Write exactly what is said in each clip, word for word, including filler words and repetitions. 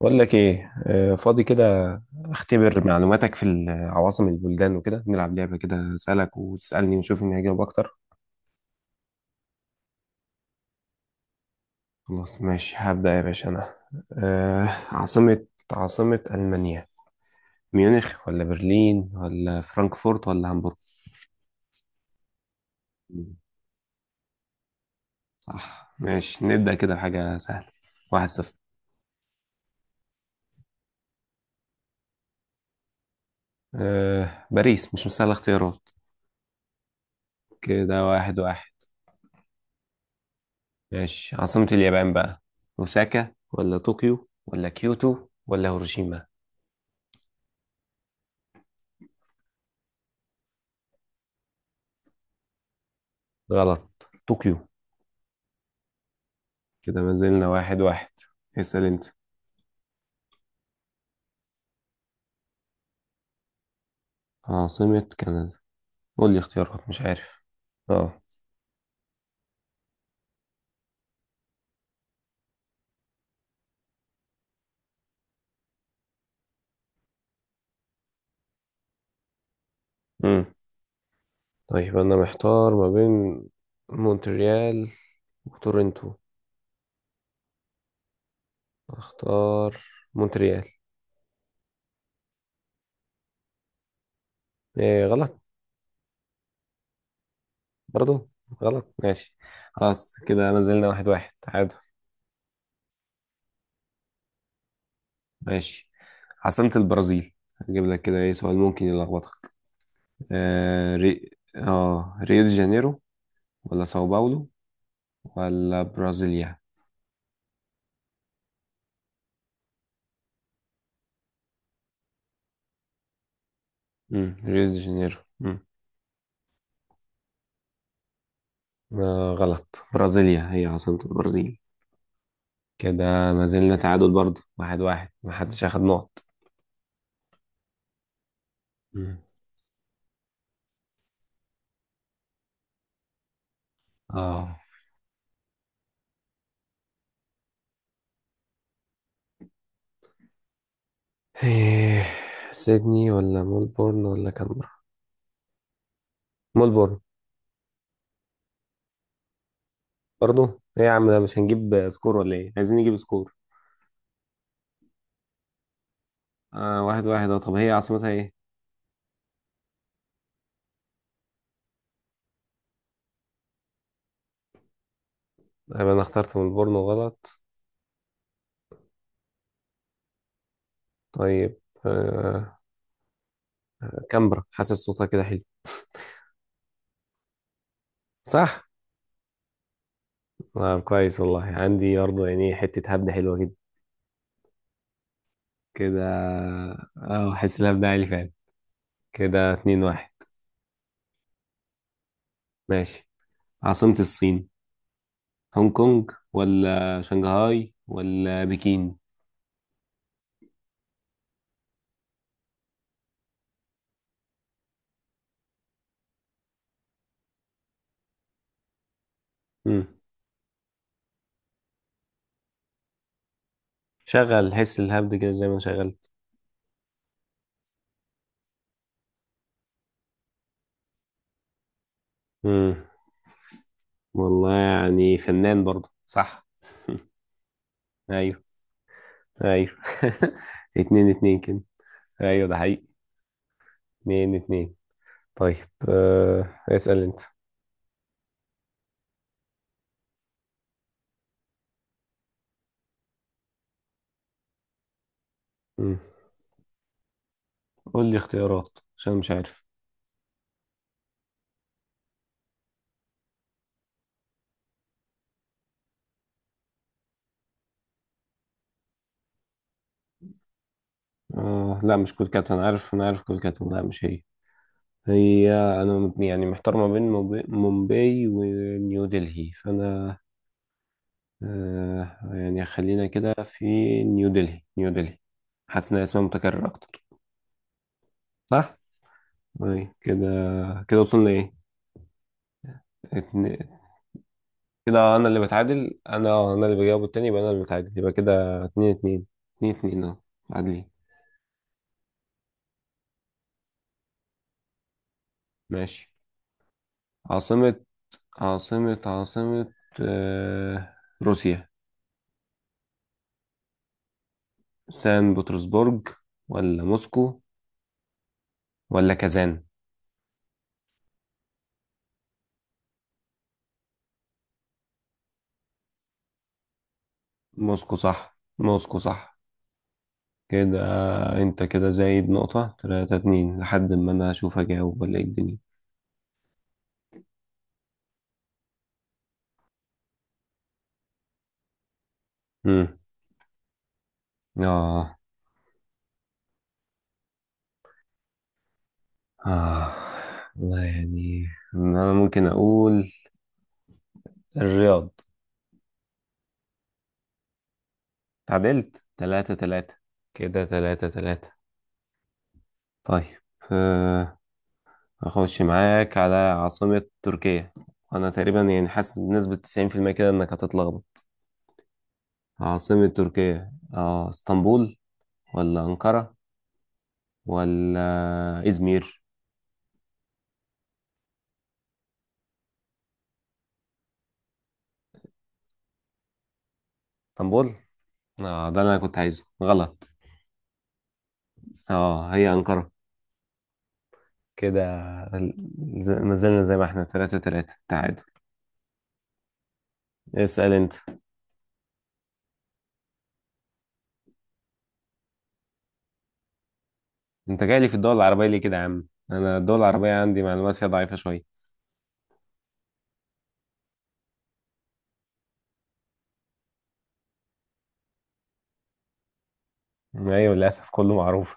بقول لك ايه. آه، فاضي كده. اختبر معلوماتك في ال- عواصم البلدان وكده، نلعب لعبة كده، اسالك وتسالني ونشوف مين هيجاوب اكتر. خلاص ماشي، هبدأ يا باشا انا. آه، عاصمة عاصمة ألمانيا؟ ميونخ ولا برلين ولا فرانكفورت ولا هامبورغ؟ مم، صح، ماشي نبدأ كده حاجة سهلة. واحد صفر. آه، باريس، مش مسألة اختيارات. كده واحد واحد. ماشي، عاصمة اليابان بقى، أوساكا ولا طوكيو ولا كيوتو ولا هيروشيما؟ غلط، طوكيو. كده ما زلنا واحد واحد. اسأل انت. عاصمة كندا؟ قول لي اختيارات، مش عارف. اه. امم طيب أنا محتار ما بين مونتريال وتورنتو. اختار مونتريال. ايه، غلط؟ برضو غلط؟ ماشي خلاص، كده ما زلنا واحد واحد تعادل. ماشي، عاصمة البرازيل. هجيب لك كده ايه سؤال ممكن يلخبطك. آه ري... اه، ريو دي جانيرو ولا ساو باولو ولا برازيليا؟ مم. ريو دي جانيرو. مم. آه غلط، برازيليا هي عاصمة البرازيل. كده ما زلنا تعادل برضو واحد واحد، ما حدش أخد نقط. مم. اه، إيه، سيدني ولا ملبورن ولا كامبرا؟ ملبورن. برضو؟ ايه يا عم، ده مش هنجيب سكور ولا ايه، عايزين نجيب سكور. آه واحد واحد، اه طب هي عاصمتها ايه؟ يبقى انا اخترت ملبورن غلط؟ طيب، آه كامبرا، حاسس صوتها كده حلو. صح؟ آه كويس والله، عندي برضه يعني حتة هبدة حلوة كده. كده، اه حاسس ان ابدا عالي فعلا. كده اتنين واحد. ماشي، عاصمة الصين؟ هونج كونج ولا شنغهاي ولا بكين؟ مم. شغل حس الهبد كده زي ما شغلت. مم. والله يعني فنان برضو، صح. ايوه. ايوه. اتنين اتنين كده. ايوه ده حقيقي. اتنين اتنين. طيب. آه. اسأل انت. مم. قول لي اختيارات عشان مش عارف. آه لا، مش كولكات، انا عارف، انا عارف كولكات، لا مش هي. هي، أنا مت- يعني محتار ما بين موب- مومباي ونيو دلهي، فأنا آه يعني، خلينا كده في نيو دلهي، نيو دلهي. حاسس إن اسمها متكرر أكتر. صح؟ أي كده. كده وصلنا إيه؟ اتن... كده أنا اللي بتعادل، أنا أنا اللي بجاوب التاني، يبقى أنا اللي بتعادل، يبقى كده اتنين اتنين. اتنين اتنين أهو. عادلين. ماشي. عاصمة عاصمة عاصمة آه روسيا. سان بطرسبرج ولا موسكو ولا كازان؟ موسكو صح، موسكو صح. كده انت كده زايد نقطة، تلاتة اتنين، لحد ما انا اشوف اجاوب ولا ايه الدنيا. مم. اه. اه والله يعني، انا ممكن اقول الرياض. تعادلت تلاتة تلاتة. كده تلاتة تلاتة. طيب. آه. اخش معاك على عاصمة تركيا. انا تقريبا يعني حاسس بنسبة تسعين في المية كده انك هتتلخبط. عاصمة تركيا، اه اسطنبول ولا انقرة ولا ازمير؟ اسطنبول؟ اه ده اللي انا كنت عايزه، غلط. اه، هي انقرة. كده ال- ز- ما زلنا زي ما احنا، تلاتة تلاتة تعادل. اسأل انت. انت جاي لي في الدول العربية ليه كده يا عم؟ انا الدول العربية عندي معلومات فيها ضعيفة شوية. ايوه للأسف كله معروف.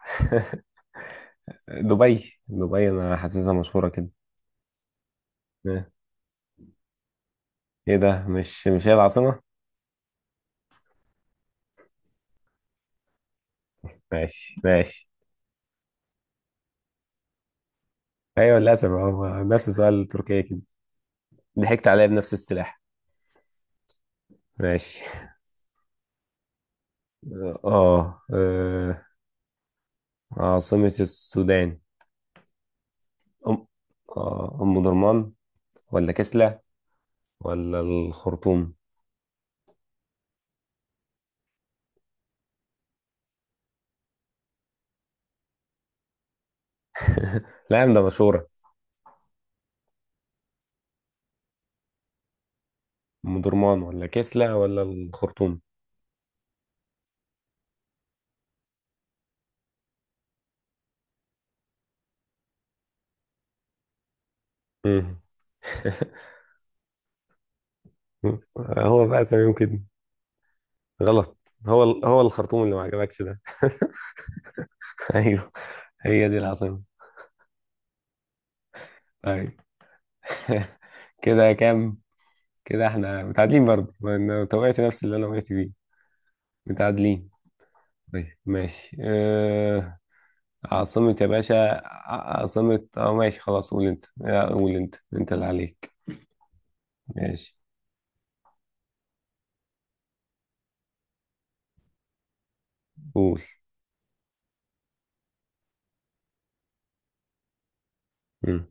دبي، دبي انا حاسسها مشهورة كده. اه. ايه ده، مش مش هي العاصمة؟ ماشي ماشي. ايوه للأسف هو نفس سؤال تركيا كده، ضحكت عليا بنفس السلاح. ماشي. اه آه، عاصمة السودان. أم، آه، أم درمان ولا كسلة ولا الخرطوم؟ لا يا عم ده مشهورة. أم درمان ولا كسلة ولا الخرطوم؟ مم. هو بقى سميهم كده. غلط؟ هو ال... هو الخرطوم اللي ما عجبكش ده؟ أيوه، هي دي العاصمة. طيب. كده كام؟ كده احنا متعادلين برضه، ما انا توقعت نفس اللي انا وقعت فيه. متعادلين. طيب ماشي. أه... عاصمة يا باشا، ع- عاصمة، اه ماشي خلاص. قول انت، لا قول انت، انت اللي عليك. ماشي قول. مم.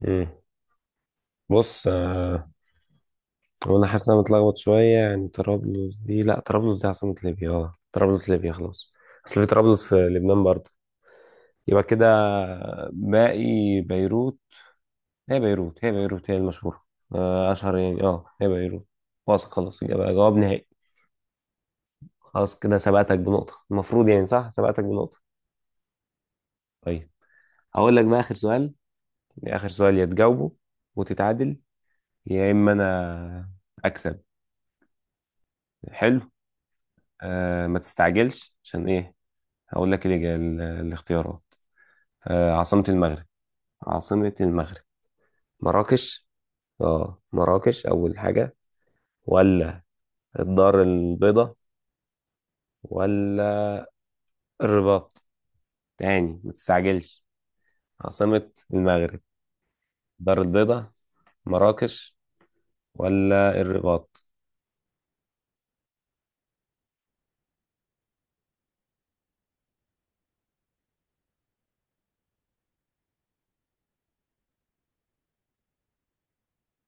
مم. بص آه، وانا حاسس ان انا متلخبط شويه، يعني طرابلس دي، لا طرابلس دي عاصمه ليبيا، اه طرابلس ليبيا خلاص، اصل في طرابلس في لبنان برضه. يبقى كده باقي بيروت، هي بيروت هي بيروت هي المشهوره. آه، اشهر يعني، اه هي بيروت، واثق خلاص يبقى جواب نهائي. خلاص كده سبقتك بنقطه، المفروض يعني صح سبقتك بنقطه. طيب. هقول لك بقى اخر سؤال، اخر سؤال، يا تجاوبه وتتعادل، يا اما انا اكسب. حلو. آه ما تستعجلش عشان ايه، هقول لك الإجا- ال- الاختيارات. آه عاصمة المغرب. عاصمة المغرب. مراكش، اه مراكش أول حاجة، ولا الدار البيضاء، ولا الرباط. تاني، ما تستعجلش. عاصمة المغرب. الدار البيضاء، مراكش، ولا الرباط؟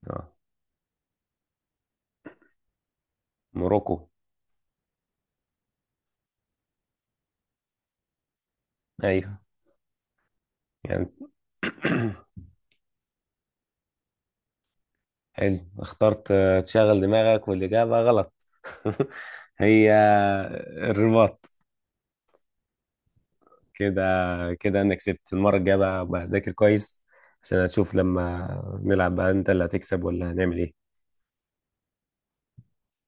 اه موروكو. ايوه. يعني. حلو اخترت. آه، تشغل دماغك والإجابة غلط. هي الرباط. كده. كده انا كسبت، المره الجايه بقى بقى اذاكر كويس، عشان اشوف لما نلعب بقى انت اللي هتكسب ولا هنعمل ايه.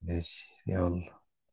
ماشي يلا.